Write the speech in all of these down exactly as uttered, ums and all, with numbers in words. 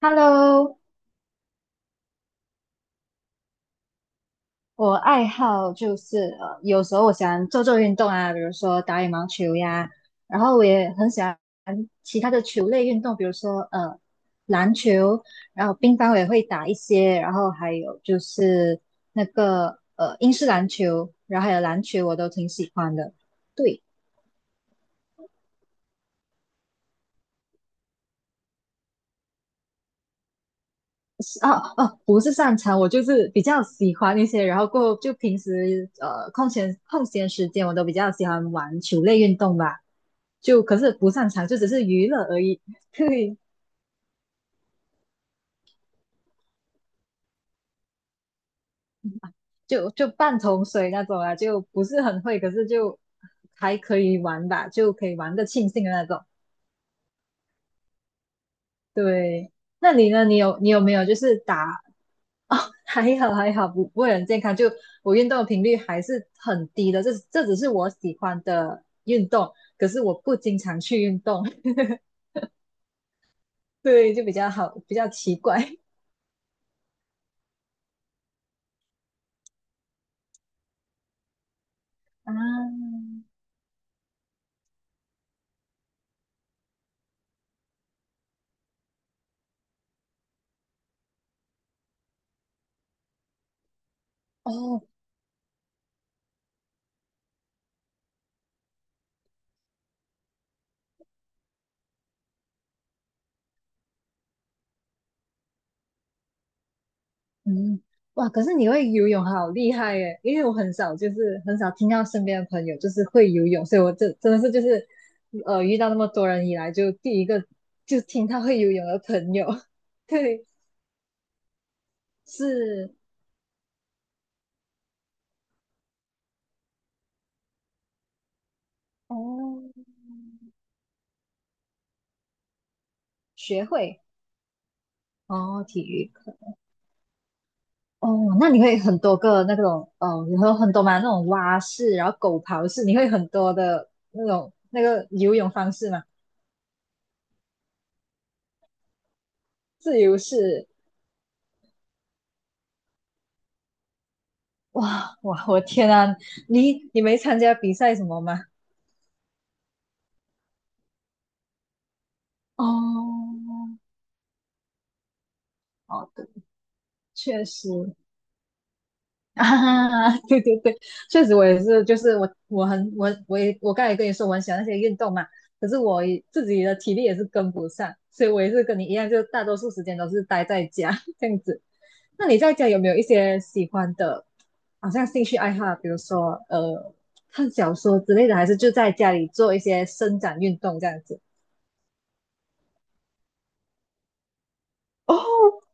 Hello，我爱好就是呃，有时候我喜欢做做运动啊，比如说打羽毛球呀，然后我也很喜欢其他的球类运动，比如说呃篮球，然后乒乓我也会打一些，然后还有就是那个呃英式篮球，然后还有篮球我都挺喜欢的。对。哦哦，不是擅长，我就是比较喜欢一些，然后过后就平时呃空闲空闲时间，我都比较喜欢玩球类运动吧。就可是不擅长，就只是娱乐而已。对，就就半桶水那种啊，就不是很会，可是就还可以玩吧，就可以玩的庆幸的那种。对，那你呢？你有你有没有就是打哦？还好还好，不不会很健康。就我运动的频率还是很低的，这这只是我喜欢的运动，可是我不经常去运动，对，就比较好，比较奇怪啊，哦，嗯，哇！可是你会游泳，好厉害耶！因为我很少，就是很少听到身边的朋友就是会游泳，所以我这真的是就是，呃，遇到那么多人以来，就第一个就听他会游泳的朋友。对，是哦，学会哦，体育课哦，那你会很多个那种哦，你会有很多嘛那种蛙式，然后狗刨式，你会很多的那种那个游泳方式嘛？自由式哇哇，我天啊，你你没参加比赛什么吗？哦，哦，对，确实 啊，对对对，确实我也是，就是我我很我我也我刚才也跟你说我很喜欢那些运动嘛，可是我也自己的体力也是跟不上，所以我也是跟你一样，就大多数时间都是待在家 这样子。那你在家有没有一些喜欢的，好像兴趣爱好，比如说呃看小说之类的，还是就在家里做一些伸展运动这样子？哦，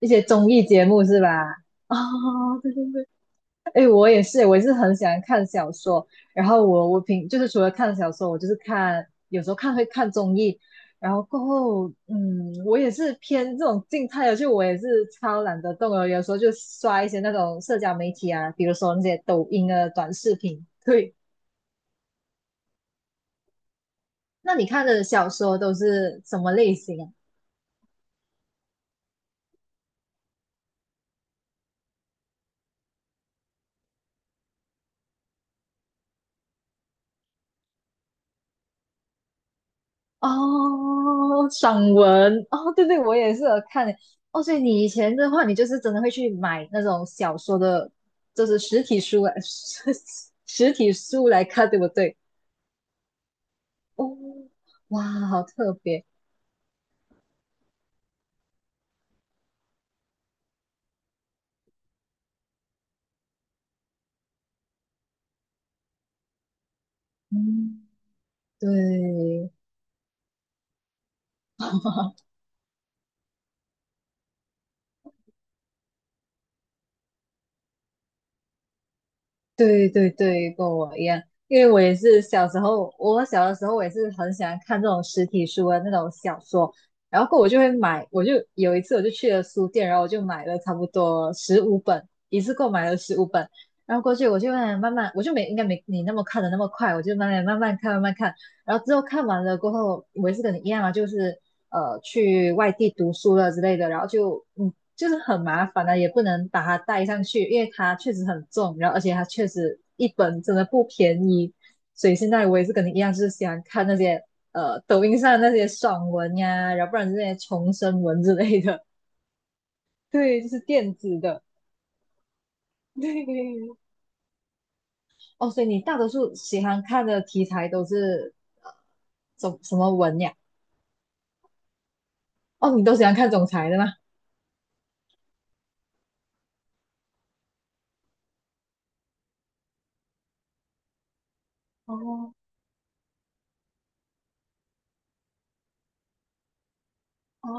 一些综艺节目是吧？哦，对对对，哎，我也是，我也是很喜欢看小说。然后我我平就是除了看小说，我就是看有时候看会看综艺。然后过后，嗯，我也是偏这种静态的，就我也是超懒得动的，有时候就刷一些那种社交媒体啊，比如说那些抖音啊短视频。对，那你看的小说都是什么类型啊？哦，散文哦，对对，我也是有看欸哦。所以你以前的话，你就是真的会去买那种小说的，就是实体书来，实体书来看，对不对？哦，哇，好特别，嗯，对，对对对，跟我一样，因为我也是小时候，我小的时候我也是很喜欢看这种实体书的那种小说，然后过后我就会买，我就有一次我就去了书店，然后我就买了差不多十五本，一次购买了十五本，然后过去我就慢慢慢慢，我就没应该没你那么看的那么快，我就慢慢慢慢看慢慢看，然后之后看完了过后，我也是跟你一样啊，就是呃去外地读书了之类的，然后就嗯就是很麻烦啊，也不能把它带上去，因为它确实很重，然后而且它确实一本真的不便宜，所以现在我也是跟你一样，就是喜欢看那些呃抖音上那些爽文呀，然后不然就是那些重生文之类的，对，就是电子的，对。哦，所以你大多数喜欢看的题材都是呃什什么文呀？哦，你都喜欢看总裁的吗？哦哦，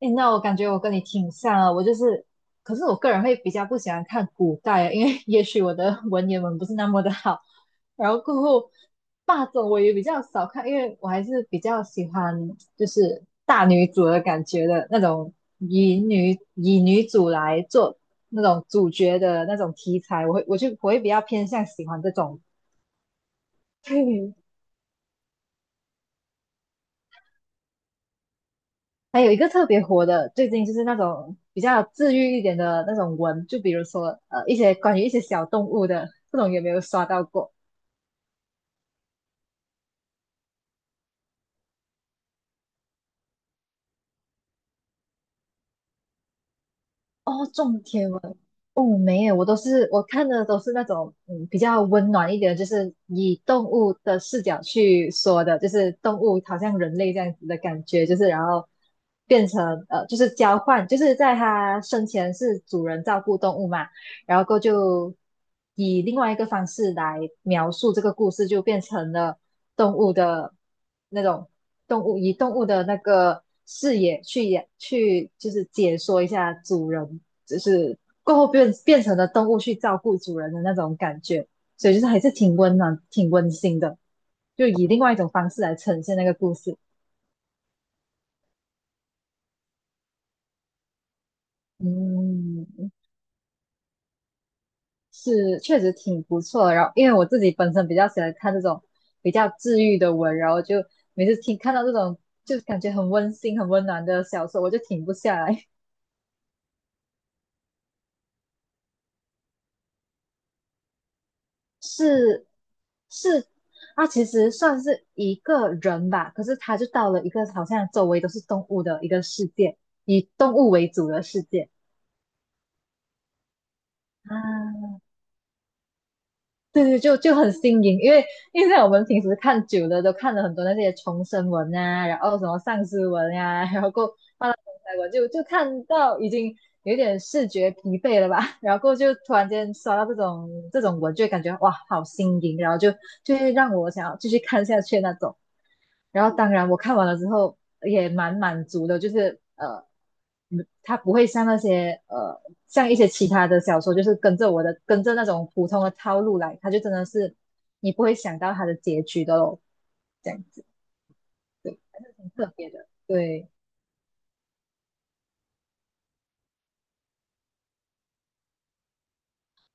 诶，那我感觉我跟你挺像啊，我就是，可是我个人会比较不喜欢看古代啊，因为 也许我的文言文不是那么的好，然后过后霸总我也比较少看，因为我还是比较喜欢就是大女主的感觉的那种，以女以女主来做那种主角的那种题材，我会我就我会比较偏向喜欢这种，还有一个特别火的，最近就是那种比较治愈一点的那种文，就比如说呃一些关于一些小动物的，不懂有没有刷到过？哦，种田文，哦没有，我都是我看的都是那种嗯比较温暖一点的就是以动物的视角去说的，就是动物好像人类这样子的感觉，就是然后变成呃就是交换，就是在它生前是主人照顾动物嘛。然后就以另外一个方式来描述这个故事，就变成了动物的那种动物，以动物的那个视野去演去，就是解说一下主人，就是过后变变成了动物去照顾主人的那种感觉，所以就是还是挺温暖、挺温馨的，就以另外一种方式来呈现那个故事。嗯，是确实挺不错的。然后，因为我自己本身比较喜欢看这种比较治愈的文，然后就每次听看到这种就感觉很温馨、很温暖的小说，我就停不下来。是是，它其实算是一个人吧，可是他就到了一个好像周围都是动物的一个世界，以动物为主的世界啊。对对，就就很新颖，因为因为像我们平时看久了，都看了很多那些重生文啊，然后什么丧尸文啊，然后过发到题材文，就就看到已经有点视觉疲惫了吧，然后就突然间刷到这种这种文，就会感觉哇，好新颖，然后就就会让我想要继续看下去那种。然后当然我看完了之后也蛮满足的，就是呃它不会像那些呃，像一些其他的小说，就是跟着我的跟着那种普通的套路来，它就真的是你不会想到它的结局的咯，这样子对，很特别的。对，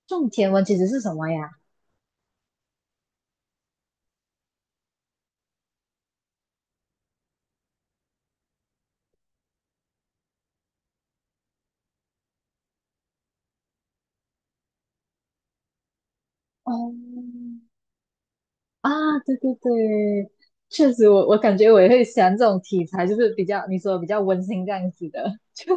种田文其实是什么呀？哦，啊，对对对，确实我，我感觉我也会喜欢这种题材，就是比较你说比较温馨这样子的，就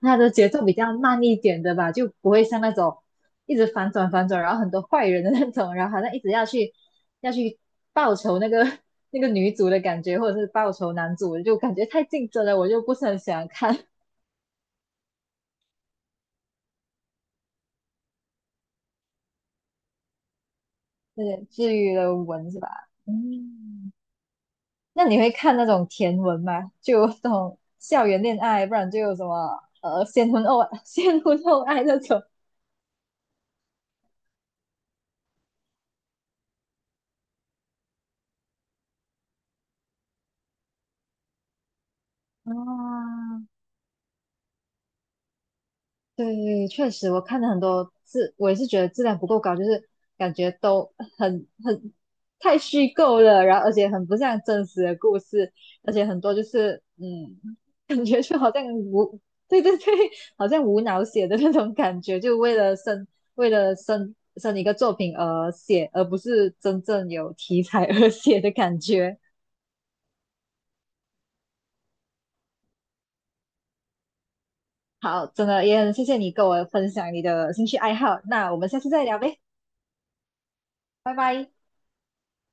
它的节奏比较慢一点的吧，就不会像那种一直反转反转，然后很多坏人的那种，然后好像一直要去要去报仇那个 那个女主的感觉，或者是报仇男主，就感觉太竞争了，我就不是很喜欢看 那种治愈的文是吧？嗯。那你会看那种甜文吗？就那种校园恋爱，不然就有什么呃先婚后 先婚后 爱那种。啊。对，确实，我看了很多质，我也是觉得质量不够高，就是感觉都很很太虚构了，然后而且很不像真实的故事，而且很多就是嗯，感觉就好像无，对对对，好像无脑写的那种感觉，就为了生为了生生一个作品而写，而不是真正有题材而写的感觉。好，真的也很谢谢你跟我分享你的兴趣爱好，那我们下次再聊呗，拜拜。